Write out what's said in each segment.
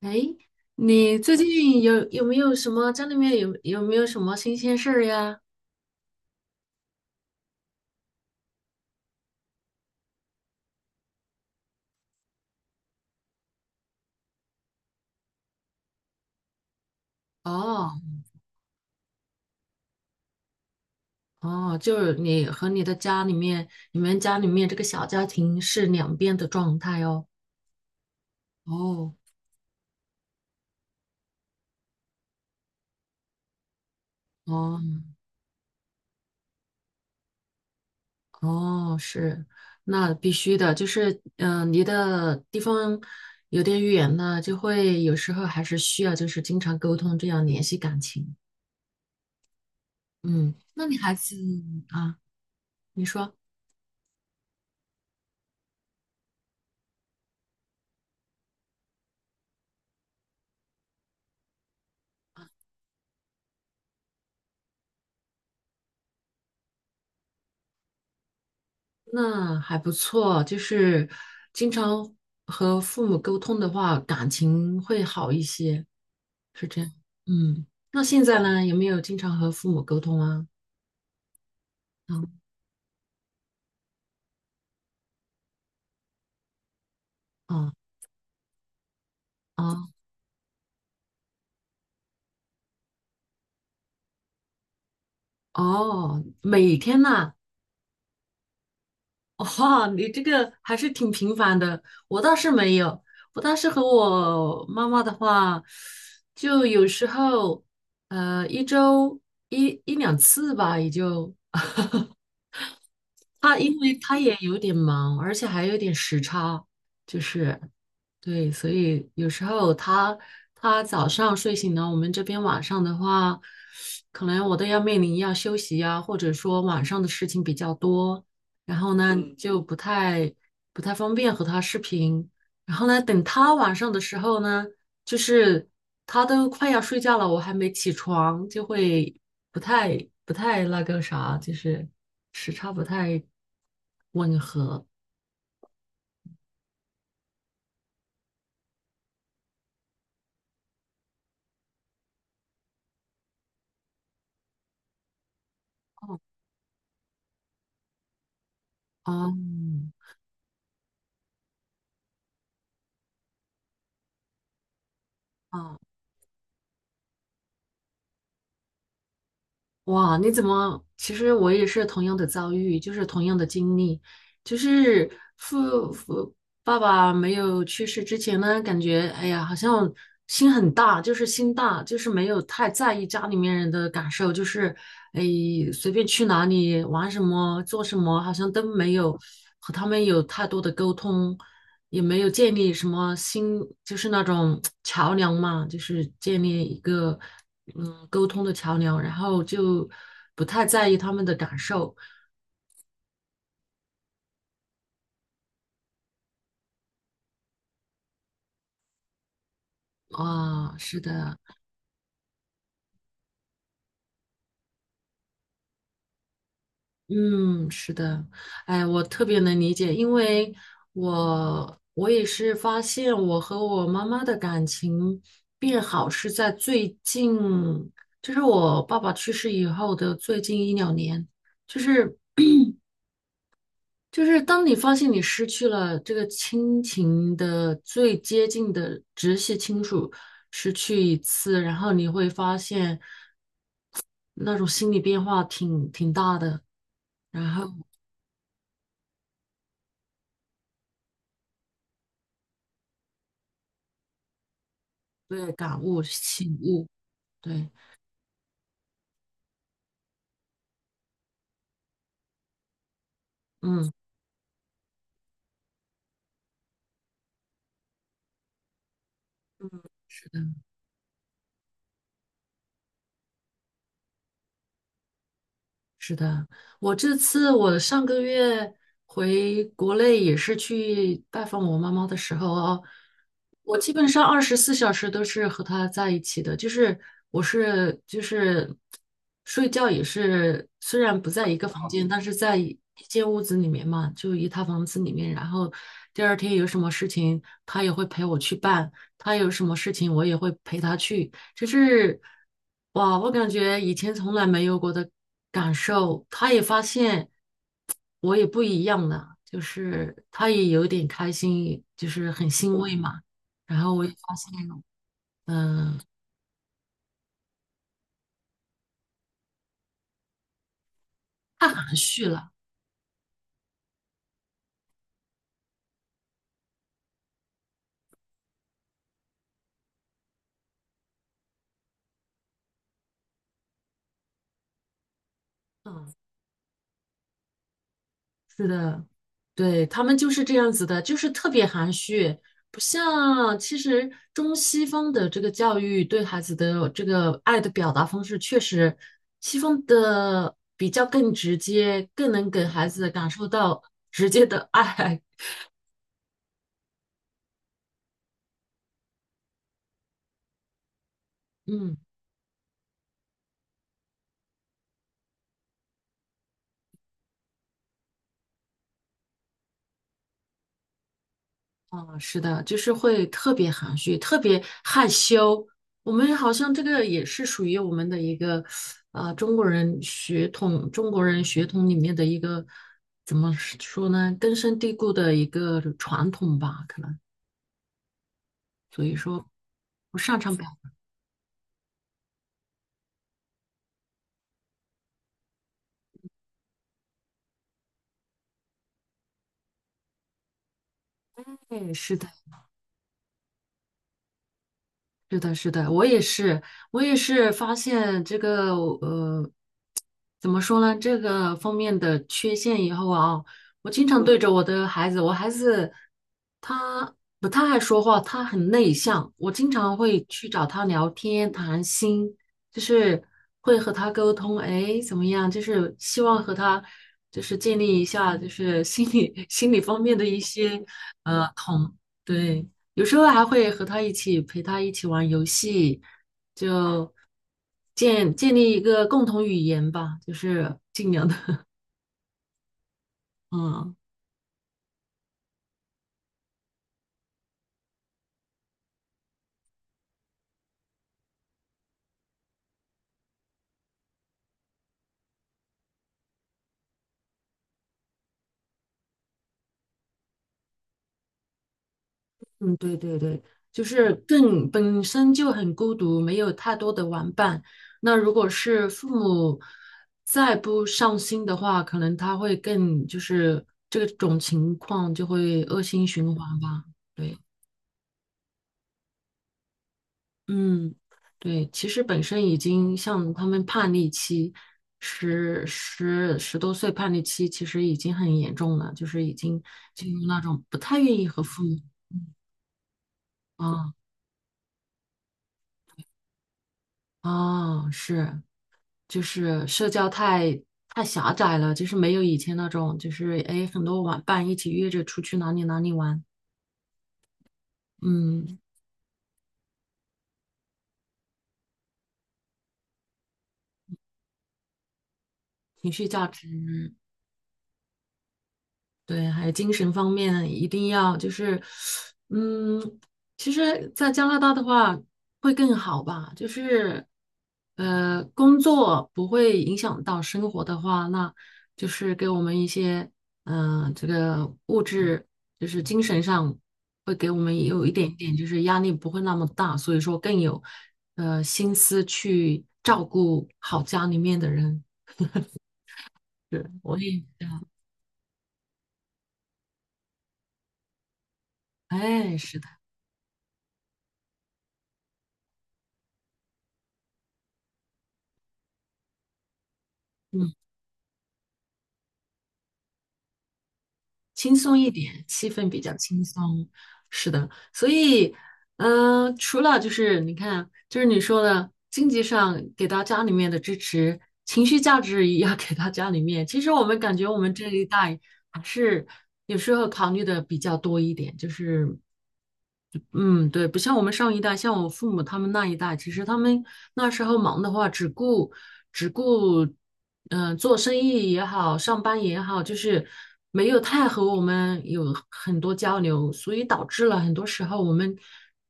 哎，你最近有没有什么家里面有没有什么新鲜事儿呀？哦哦，就是你和你的家里面，你们家里面这个小家庭是两边的状态哦。哦哦哦，是，那必须的，就是离的地方有点远呢，就会有时候还是需要就是经常沟通，这样联系感情。嗯，那你孩子啊，你说。那还不错，就是经常和父母沟通的话，感情会好一些，是这样。嗯，那现在呢，有没有经常和父母沟通啊？嗯，哦，哦，哦，每天呐，哇，你这个还是挺频繁的。我倒是没有，我倒是和我妈妈的话，就有时候，一周一两次吧，也就。他因为他也有点忙，而且还有点时差，就是对，所以有时候他早上睡醒了，我们这边晚上的话，可能我都要面临要休息呀，或者说晚上的事情比较多，然后呢就不太方便和他视频。然后呢，等他晚上的时候呢，就是他都快要睡觉了，我还没起床，就会不太不太那个啥，就是时差不太吻合。哦，哦。哇，你怎么？其实我也是同样的遭遇，就是同样的经历，就是父父爸爸没有去世之前呢，感觉哎呀，好像心很大，就是心大，就是没有太在意家里面人的感受，就是哎随便去哪里玩什么做什么，好像都没有和他们有太多的沟通。也没有建立什么新，就是那种桥梁嘛，就是建立一个沟通的桥梁，然后就不太在意他们的感受啊，是的，嗯，是的，哎，我特别能理解，因为我也是发现我和我妈妈的感情变好是在最近，就是我爸爸去世以后的最近1~2年，就是。就是当你发现你失去了这个亲情的最接近的直系亲属，失去一次，然后你会发现那种心理变化挺大的，然后对感悟醒悟，对，嗯，是的。是的，我这次我上个月回国内也是去拜访我妈妈的时候哦，我基本上24小时都是和她在一起的，就是我是就是睡觉也是，虽然不在一个房间，但是在一间屋子里面嘛，就一套房子里面，然后第二天有什么事情，她也会陪我去办，她有什么事情我也会陪她去，就是哇，我感觉以前从来没有过的感受。他也发现我也不一样了，就是他也有点开心，就是很欣慰嘛。然后我也发现，嗯、含蓄了。嗯。是的，对，他们就是这样子的，就是特别含蓄，不像其实中西方的这个教育对孩子的这个爱的表达方式，确实西方的比较更直接，更能给孩子感受到直接的爱。嗯。嗯，是的，就是会特别含蓄，特别害羞。我们好像这个也是属于我们的一个，中国人血统，中国人血统里面的一个，怎么说呢？根深蒂固的一个传统吧，可能。所以说，不擅长表现，对是的。是的，是的，我也是，我也是发现这个怎么说呢？这个方面的缺陷以后啊，我经常对着我的孩子，我孩子他不太爱说话，他很内向，我经常会去找他聊天谈心，就是会和他沟通，哎，怎么样？就是希望和他就是建立一下，就是心理 心理方面的一些呃同，对。有时候还会和他一起陪他一起玩游戏，就建立一个共同语言吧，就是尽量的，嗯嗯，对对对，就是更本身就很孤独，没有太多的玩伴。那如果是父母再不上心的话，可能他会更就是这种情况就会恶性循环吧，对。嗯，对，其实本身已经像他们叛逆期，十多岁叛逆期，其实已经很严重了，就是已经进入那种不太愿意和父母啊啊，是，就是社交太狭窄了，就是没有以前那种，就是哎，诶很多玩伴一起约着出去哪里哪里玩，嗯，情绪价值对，还有精神方面一定要就是，嗯，其实，在加拿大的话会更好吧，就是，工作不会影响到生活的话，那就是给我们一些，这个物质就是精神上会给我们有一点点，就是压力不会那么大，所以说更有，心思去照顾好家里面的人。是，我也是这样哎，是的，嗯。轻松一点，气氛比较轻松。是的，所以，除了就是你看，就是你说的经济上给到家里面的支持，情绪价值也要给到家里面。其实我们感觉我们这一代还是有时候考虑的比较多一点，就是嗯，对，不像我们上一代，像我父母他们那一代，其实他们那时候忙的话，只顾，做生意也好，上班也好，就是没有太和我们有很多交流，所以导致了很多时候我们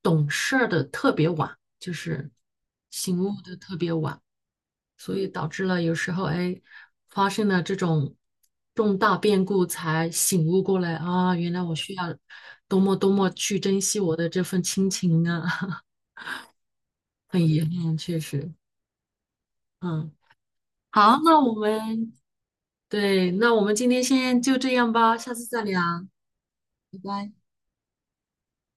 懂事儿的特别晚，就是醒悟的特别晚。所以导致了有时候哎，发生了这种重大变故，才醒悟过来啊，原来我需要多么多么去珍惜我的这份亲情啊，很遗憾，确实，嗯，好，那我们对，那我们今天先就这样吧，下次再聊，拜拜。